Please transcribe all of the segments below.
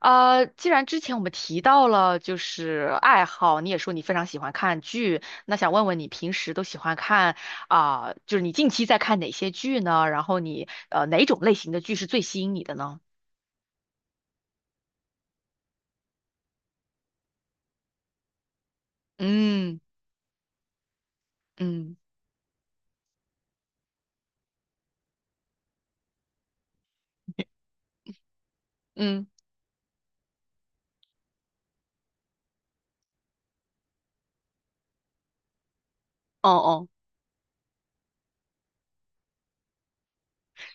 既然之前我们提到了就是爱好，你也说你非常喜欢看剧，那想问问你平时都喜欢看啊，就是你近期在看哪些剧呢？然后你哪种类型的剧是最吸引你的呢？嗯嗯嗯，哦哦，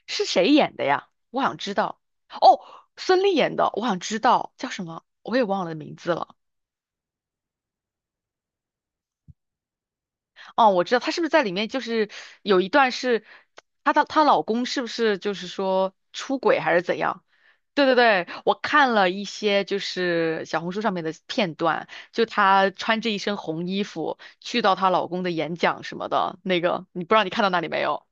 是谁演的呀？我想知道。哦，孙俪演的，我想知道叫什么，我也忘了名字了。哦，我知道她是不是在里面就是有一段是她老公是不是就是说出轨还是怎样？对对对，我看了一些就是小红书上面的片段，就她穿着一身红衣服去到她老公的演讲什么的，那个你不知道你看到那里没有？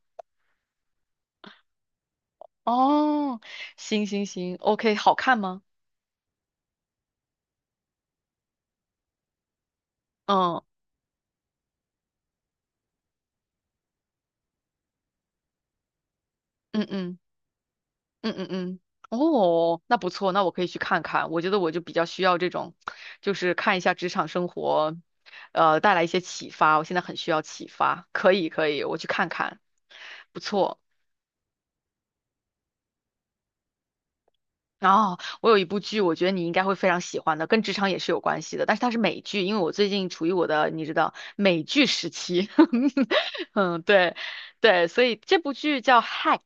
哦，行行行，OK，好看吗？嗯嗯嗯嗯嗯嗯，哦，那不错，那我可以去看看。我觉得我就比较需要这种，就是看一下职场生活，带来一些启发。我现在很需要启发，可以可以，我去看看，不错。哦，我有一部剧，我觉得你应该会非常喜欢的，跟职场也是有关系的，但是它是美剧，因为我最近处于我的，你知道，美剧时期。嗯，对，对，所以这部剧叫《Hacks》，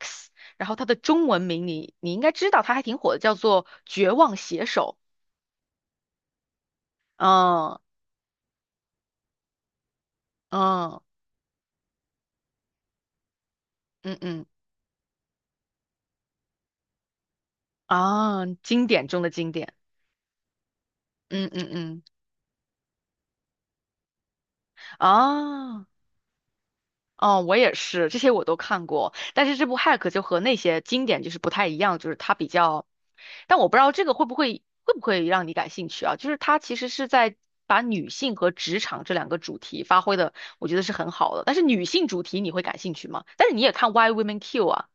然后它的中文名你应该知道，它还挺火的，叫做《绝望写手》。嗯嗯嗯嗯啊，经典中的经典。嗯嗯嗯啊。哦哦，我也是，这些我都看过，但是这部《Hack》就和那些经典就是不太一样，就是它比较，但我不知道这个会不会让你感兴趣啊？就是它其实是在把女性和职场这两个主题发挥的，我觉得是很好的。但是女性主题你会感兴趣吗？但是你也看《Why Women Kill》啊？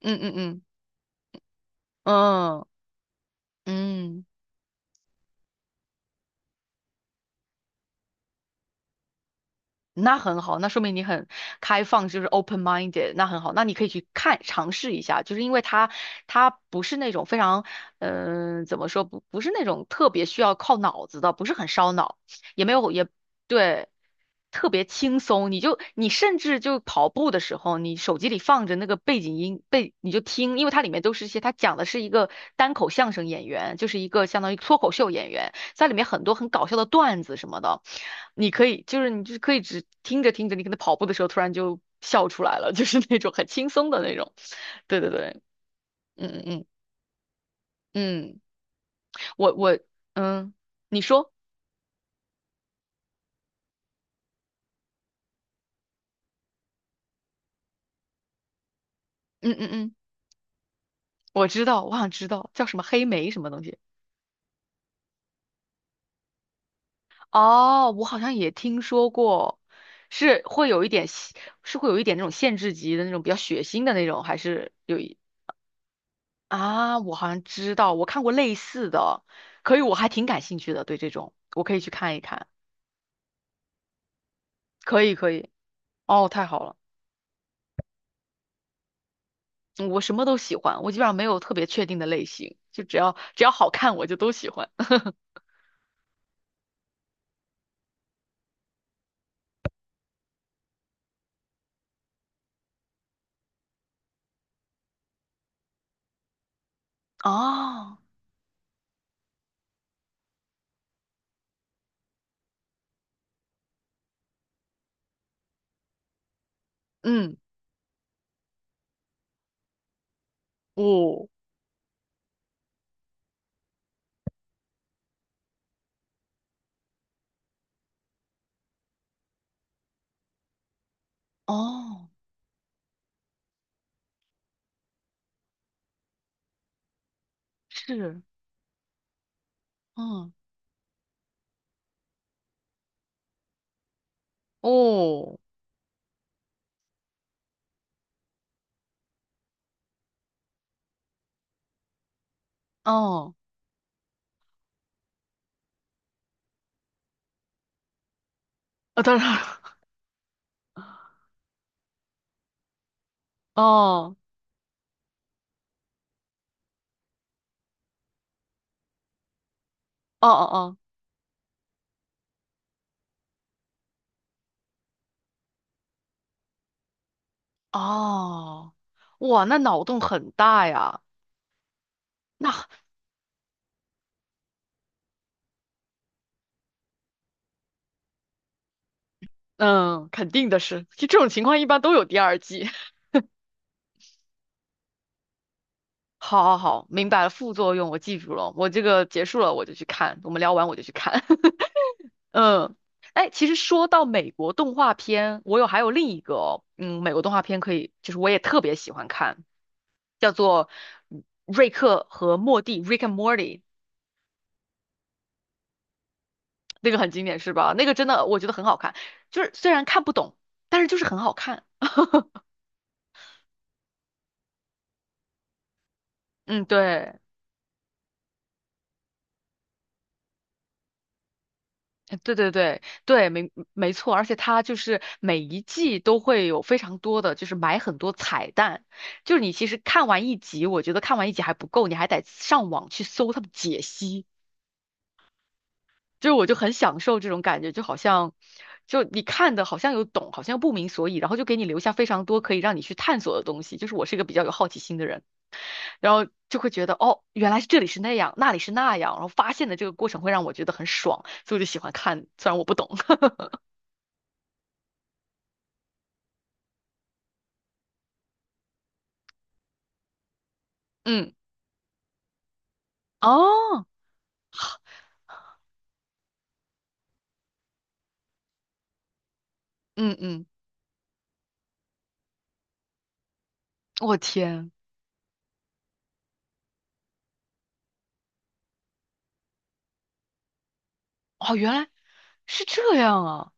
嗯嗯嗯嗯嗯，那很好，那说明你很开放，就是 open minded，那很好，那你可以去看尝试一下，就是因为它不是那种非常，怎么说不是那种特别需要靠脑子的，不是很烧脑，也没有也对，特别轻松，你甚至就跑步的时候，你手机里放着那个背景音背你就听，因为它里面都是一些它讲的是一个单口相声演员，就是一个相当于脱口秀演员。在里面很多很搞笑的段子什么的，你可以就是你就可以只听着，你可能跑步的时候突然就笑出来了，就是那种很轻松的那种。对对对，嗯嗯嗯嗯，我嗯，你说，嗯嗯嗯，我知道，我想知道叫什么黑莓什么东西。哦，我好像也听说过，是会有一点，是会有一点那种限制级的那种比较血腥的那种，还是有一。啊，我好像知道，我看过类似的，可以，我还挺感兴趣的，对这种，我可以去看一看，可以，可以，哦，太好了，嗯我什么都喜欢，我基本上没有特别确定的类型，只要只要好看我就都喜欢。哦，嗯，哦，哦，是，嗯，哦，哦，啊，当然了，哦，哦哦哦，哦，哇，那脑洞很大呀，那，嗯，肯定的是，就这种情况一般都有第二季。好好好，明白了，副作用我记住了，我这个结束了我就去看，我们聊完我就去看。嗯，哎，其实说到美国动画片，我有还有另一个哦，嗯，美国动画片可以，就是我也特别喜欢看，叫做瑞克和莫蒂》（Rick and Morty），那个很经典是吧？那个真的我觉得很好看，就是虽然看不懂，但是就是很好看。嗯，对。对对对对，没没错，而且它就是每一季都会有非常多的，就是埋很多彩蛋。就是你其实看完一集，我觉得看完一集还不够，你还得上网去搜他的解析。就是我就很享受这种感觉，就好像就你看的好像有懂，好像又不明所以，然后就给你留下非常多可以让你去探索的东西。就是我是一个比较有好奇心的人，然后就会觉得哦，原来是这里是那样，那里是那样，然后发现的这个过程会让我觉得很爽，所以我就喜欢看，虽然我不懂，嗯。哦，嗯嗯，我天，哦，原来是这样啊！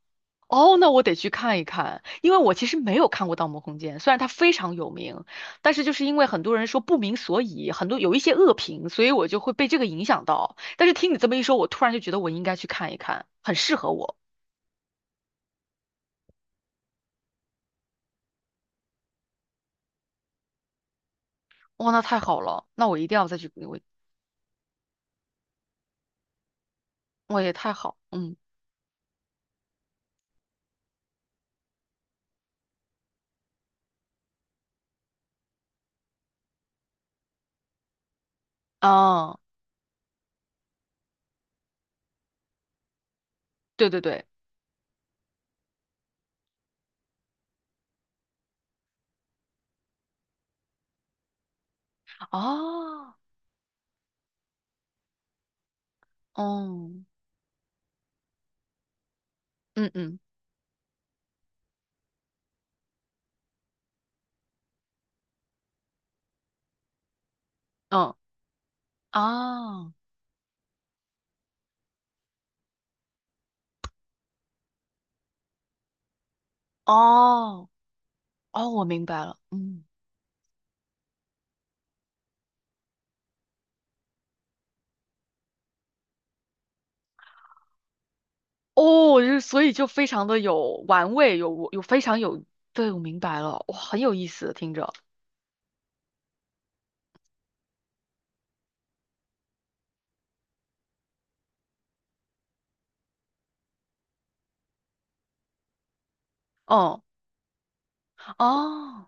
哦，那我得去看一看，因为我其实没有看过《盗梦空间》，虽然它非常有名，但是就是因为很多人说不明所以，很多有一些恶评，所以我就会被这个影响到。但是听你这么一说，我突然就觉得我应该去看一看，很适合我。哇，那太好了，那我一定要再去，我我也太好，嗯，啊，对对对，啊，哦，嗯嗯嗯，啊，哦。哦哦，我明白了，嗯，哦，就是所以就非常的有玩味，有非常有，对，我明白了，哇，很有意思，听着，嗯，哦，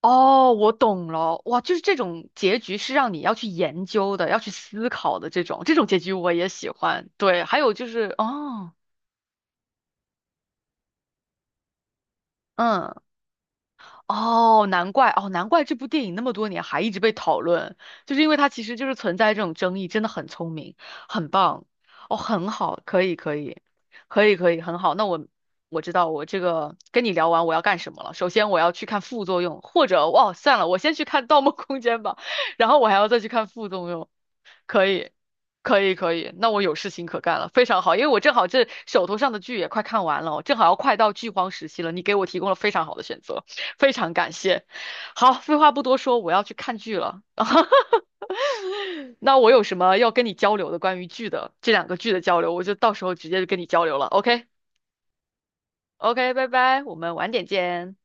哦，我懂了，哇，就是这种结局是让你要去研究的，要去思考的这种，这种结局我也喜欢，对，还有就是，哦，嗯。哦，难怪哦，难怪这部电影那么多年还一直被讨论，就是因为它其实就是存在这种争议，真的很聪明，很棒，哦，很好，可以，可以，可以，可以，很好。那我知道我这个跟你聊完我要干什么了。首先我要去看副作用，或者哇，算了，我先去看《盗梦空间》吧，然后我还要再去看副作用。可以，可以，可以。那我有事情可干了，非常好，因为我正好这手头上的剧也快看完了，正好要快到剧荒时期了。你给我提供了非常好的选择，非常感谢。好，废话不多说，我要去看剧了。那我有什么要跟你交流的关于剧的这两个剧的交流，我就到时候直接就跟你交流了。OK，OK，拜拜，我们晚点见。